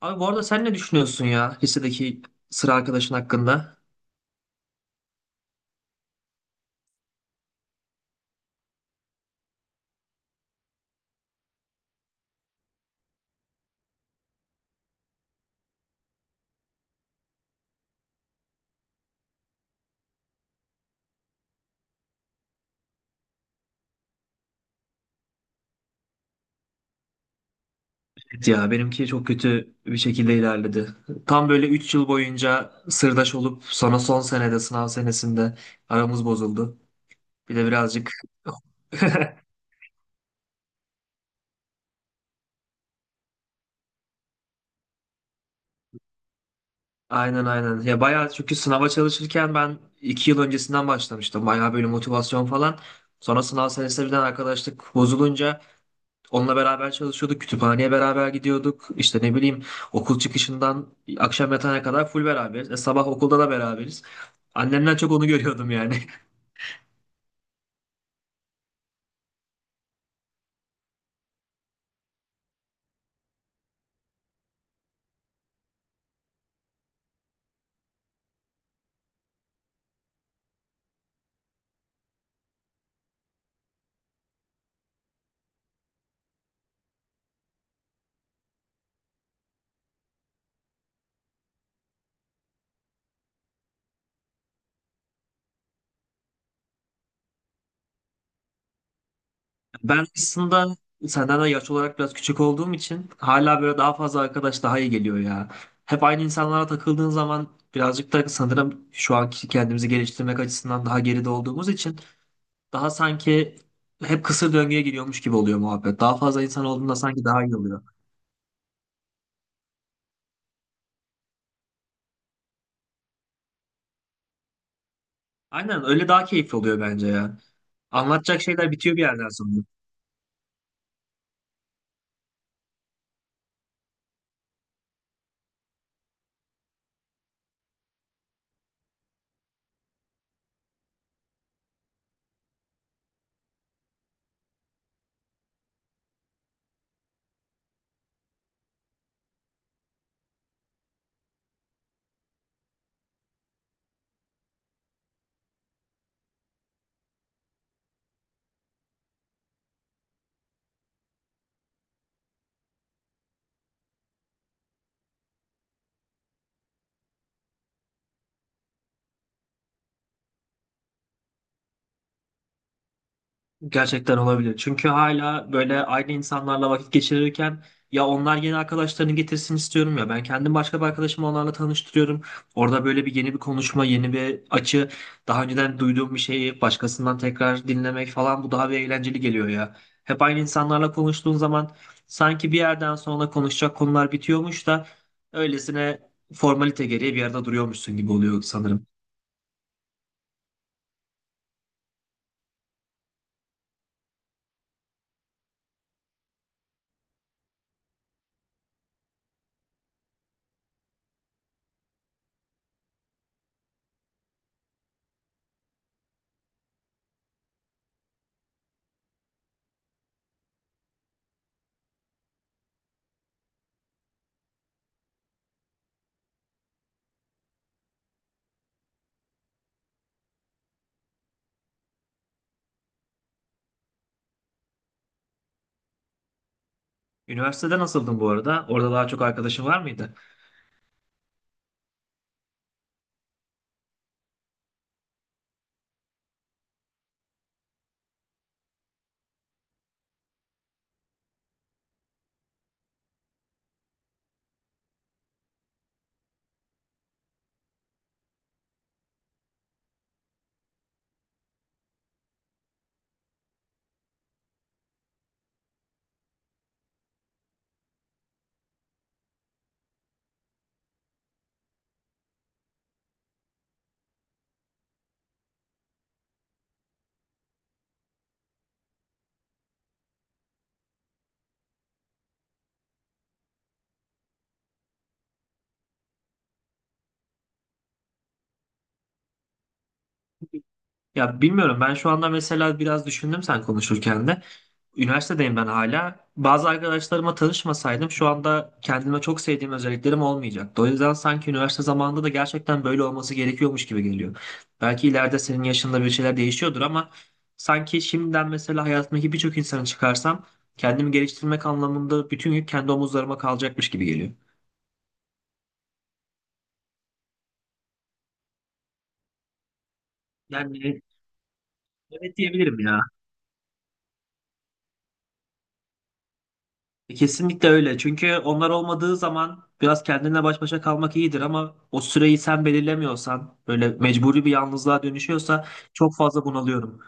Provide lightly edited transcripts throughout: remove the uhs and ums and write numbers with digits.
Abi bu arada sen ne düşünüyorsun ya lisedeki sıra arkadaşın hakkında? Evet ya, benimki çok kötü bir şekilde ilerledi. Tam böyle 3 yıl boyunca sırdaş olup sonra son senede, sınav senesinde aramız bozuldu. Bir de birazcık aynen, aynen. Ya bayağı, çünkü sınava çalışırken ben 2 yıl öncesinden başlamıştım. Bayağı böyle motivasyon falan. Sonra sınav senesi birden arkadaşlık bozulunca, onunla beraber çalışıyorduk. Kütüphaneye beraber gidiyorduk. İşte ne bileyim, okul çıkışından akşam yatana kadar full beraberiz. Sabah okulda da beraberiz. Annemden çok onu görüyordum yani. Ben aslında senden de yaş olarak biraz küçük olduğum için hala böyle daha fazla arkadaş daha iyi geliyor ya. Hep aynı insanlara takıldığın zaman birazcık da sanırım şu anki kendimizi geliştirmek açısından daha geride olduğumuz için daha sanki hep kısır döngüye giriyormuş gibi oluyor muhabbet. Daha fazla insan olduğunda sanki daha iyi oluyor. Aynen öyle, daha keyifli oluyor bence ya. Anlatacak şeyler bitiyor bir yerden sonra. Gerçekten olabilir. Çünkü hala böyle aynı insanlarla vakit geçirirken ya onlar yeni arkadaşlarını getirsin istiyorum ya ben kendim başka bir arkadaşımı onlarla tanıştırıyorum. Orada böyle bir yeni bir konuşma, yeni bir açı, daha önceden duyduğum bir şeyi başkasından tekrar dinlemek falan, bu daha bir eğlenceli geliyor ya. Hep aynı insanlarla konuştuğun zaman sanki bir yerden sonra konuşacak konular bitiyormuş da öylesine formalite gereği bir yerde duruyormuşsun gibi oluyor sanırım. Üniversitede nasıldın bu arada? Orada daha çok arkadaşın var mıydı? Ya bilmiyorum, ben şu anda mesela biraz düşündüm sen konuşurken de. Üniversitedeyim ben hala. Bazı arkadaşlarıma tanışmasaydım şu anda kendime çok sevdiğim özelliklerim olmayacaktı. O yüzden sanki üniversite zamanında da gerçekten böyle olması gerekiyormuş gibi geliyor. Belki ileride senin yaşında bir şeyler değişiyordur ama sanki şimdiden mesela hayatımdaki birçok insanı çıkarsam kendimi geliştirmek anlamında bütün yük kendi omuzlarıma kalacakmış gibi geliyor. Yani evet diyebilirim ya. Kesinlikle öyle. Çünkü onlar olmadığı zaman biraz kendinle baş başa kalmak iyidir ama o süreyi sen belirlemiyorsan, böyle mecburi bir yalnızlığa dönüşüyorsa çok fazla bunalıyorum.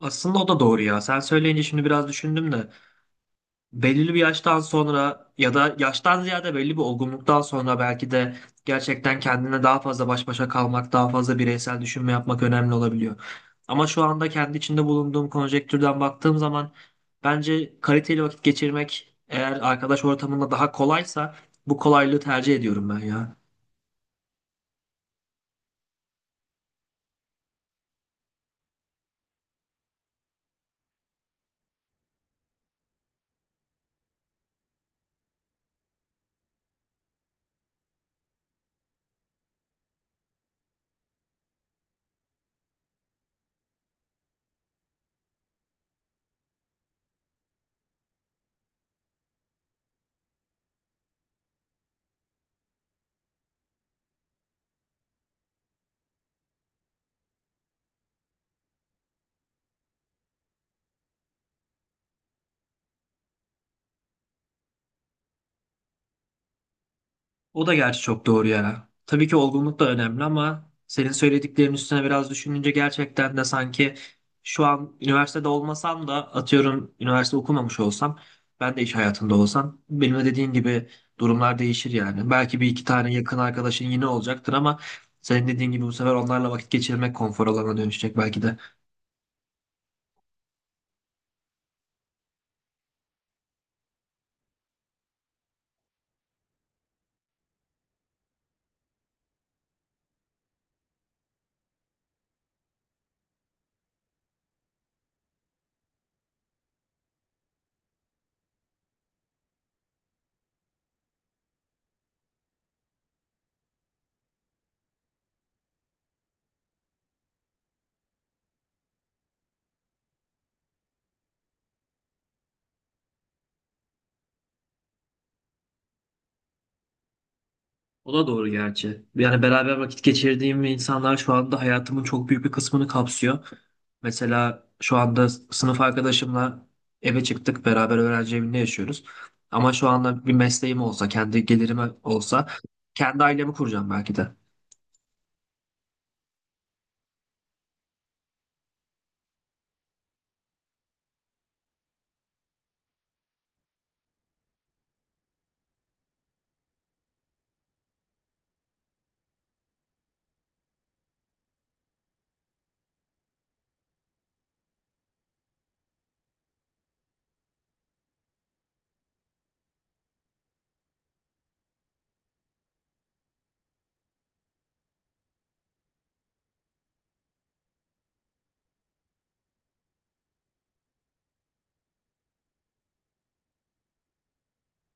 Aslında o da doğru ya. Sen söyleyince şimdi biraz düşündüm de belirli bir yaştan sonra, ya da yaştan ziyade belli bir olgunluktan sonra, belki de gerçekten kendine daha fazla baş başa kalmak, daha fazla bireysel düşünme yapmak önemli olabiliyor. Ama şu anda kendi içinde bulunduğum konjektürden baktığım zaman bence kaliteli vakit geçirmek eğer arkadaş ortamında daha kolaysa bu kolaylığı tercih ediyorum ben ya. O da gerçi çok doğru ya. Tabii ki olgunluk da önemli ama senin söylediklerin üstüne biraz düşününce gerçekten de sanki şu an üniversitede olmasam da, atıyorum üniversite okumamış olsam, ben de iş hayatında olsam benim de dediğin gibi durumlar değişir yani. Belki bir iki tane yakın arkadaşın yine olacaktır ama senin dediğin gibi bu sefer onlarla vakit geçirmek konfor alanına dönüşecek belki de. O da doğru gerçi. Yani beraber vakit geçirdiğim insanlar şu anda hayatımın çok büyük bir kısmını kapsıyor. Mesela şu anda sınıf arkadaşımla eve çıktık, beraber öğrenci evinde yaşıyoruz. Ama şu anda bir mesleğim olsa, kendi gelirime olsa, kendi ailemi kuracağım belki de.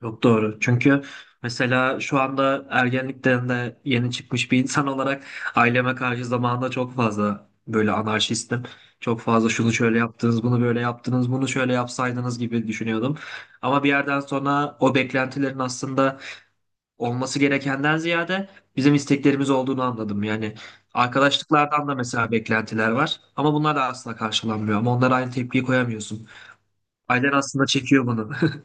Yok, doğru. Çünkü mesela şu anda ergenlikten de yeni çıkmış bir insan olarak aileme karşı zamanında çok fazla böyle anarşistim. Çok fazla şunu şöyle yaptınız, bunu böyle yaptınız, bunu şöyle yapsaydınız gibi düşünüyordum. Ama bir yerden sonra o beklentilerin aslında olması gerekenden ziyade bizim isteklerimiz olduğunu anladım. Yani arkadaşlıklardan da mesela beklentiler var ama bunlar da asla karşılanmıyor. Ama onlara aynı tepkiyi koyamıyorsun. Ailen aslında çekiyor bunu.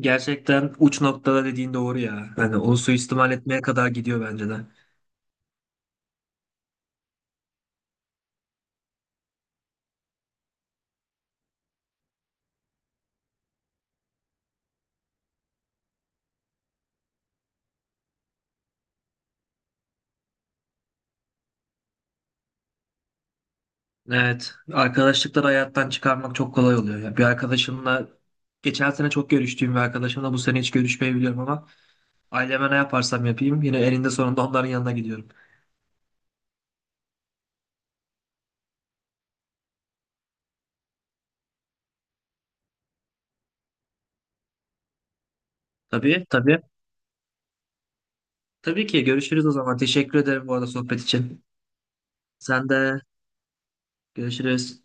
Gerçekten uç noktada dediğin doğru ya. Hani onu suistimal etmeye kadar gidiyor bence de. Evet, arkadaşlıkları hayattan çıkarmak çok kolay oluyor ya. Bir arkadaşımla, geçen sene çok görüştüğüm bir arkadaşımla bu sene hiç görüşmeyebiliyorum ama aileme ne yaparsam yapayım yine elinde sonunda onların yanına gidiyorum. Tabii, tabii. Tabii ki görüşürüz o zaman. Teşekkür ederim bu arada sohbet için. Sen de, görüşürüz.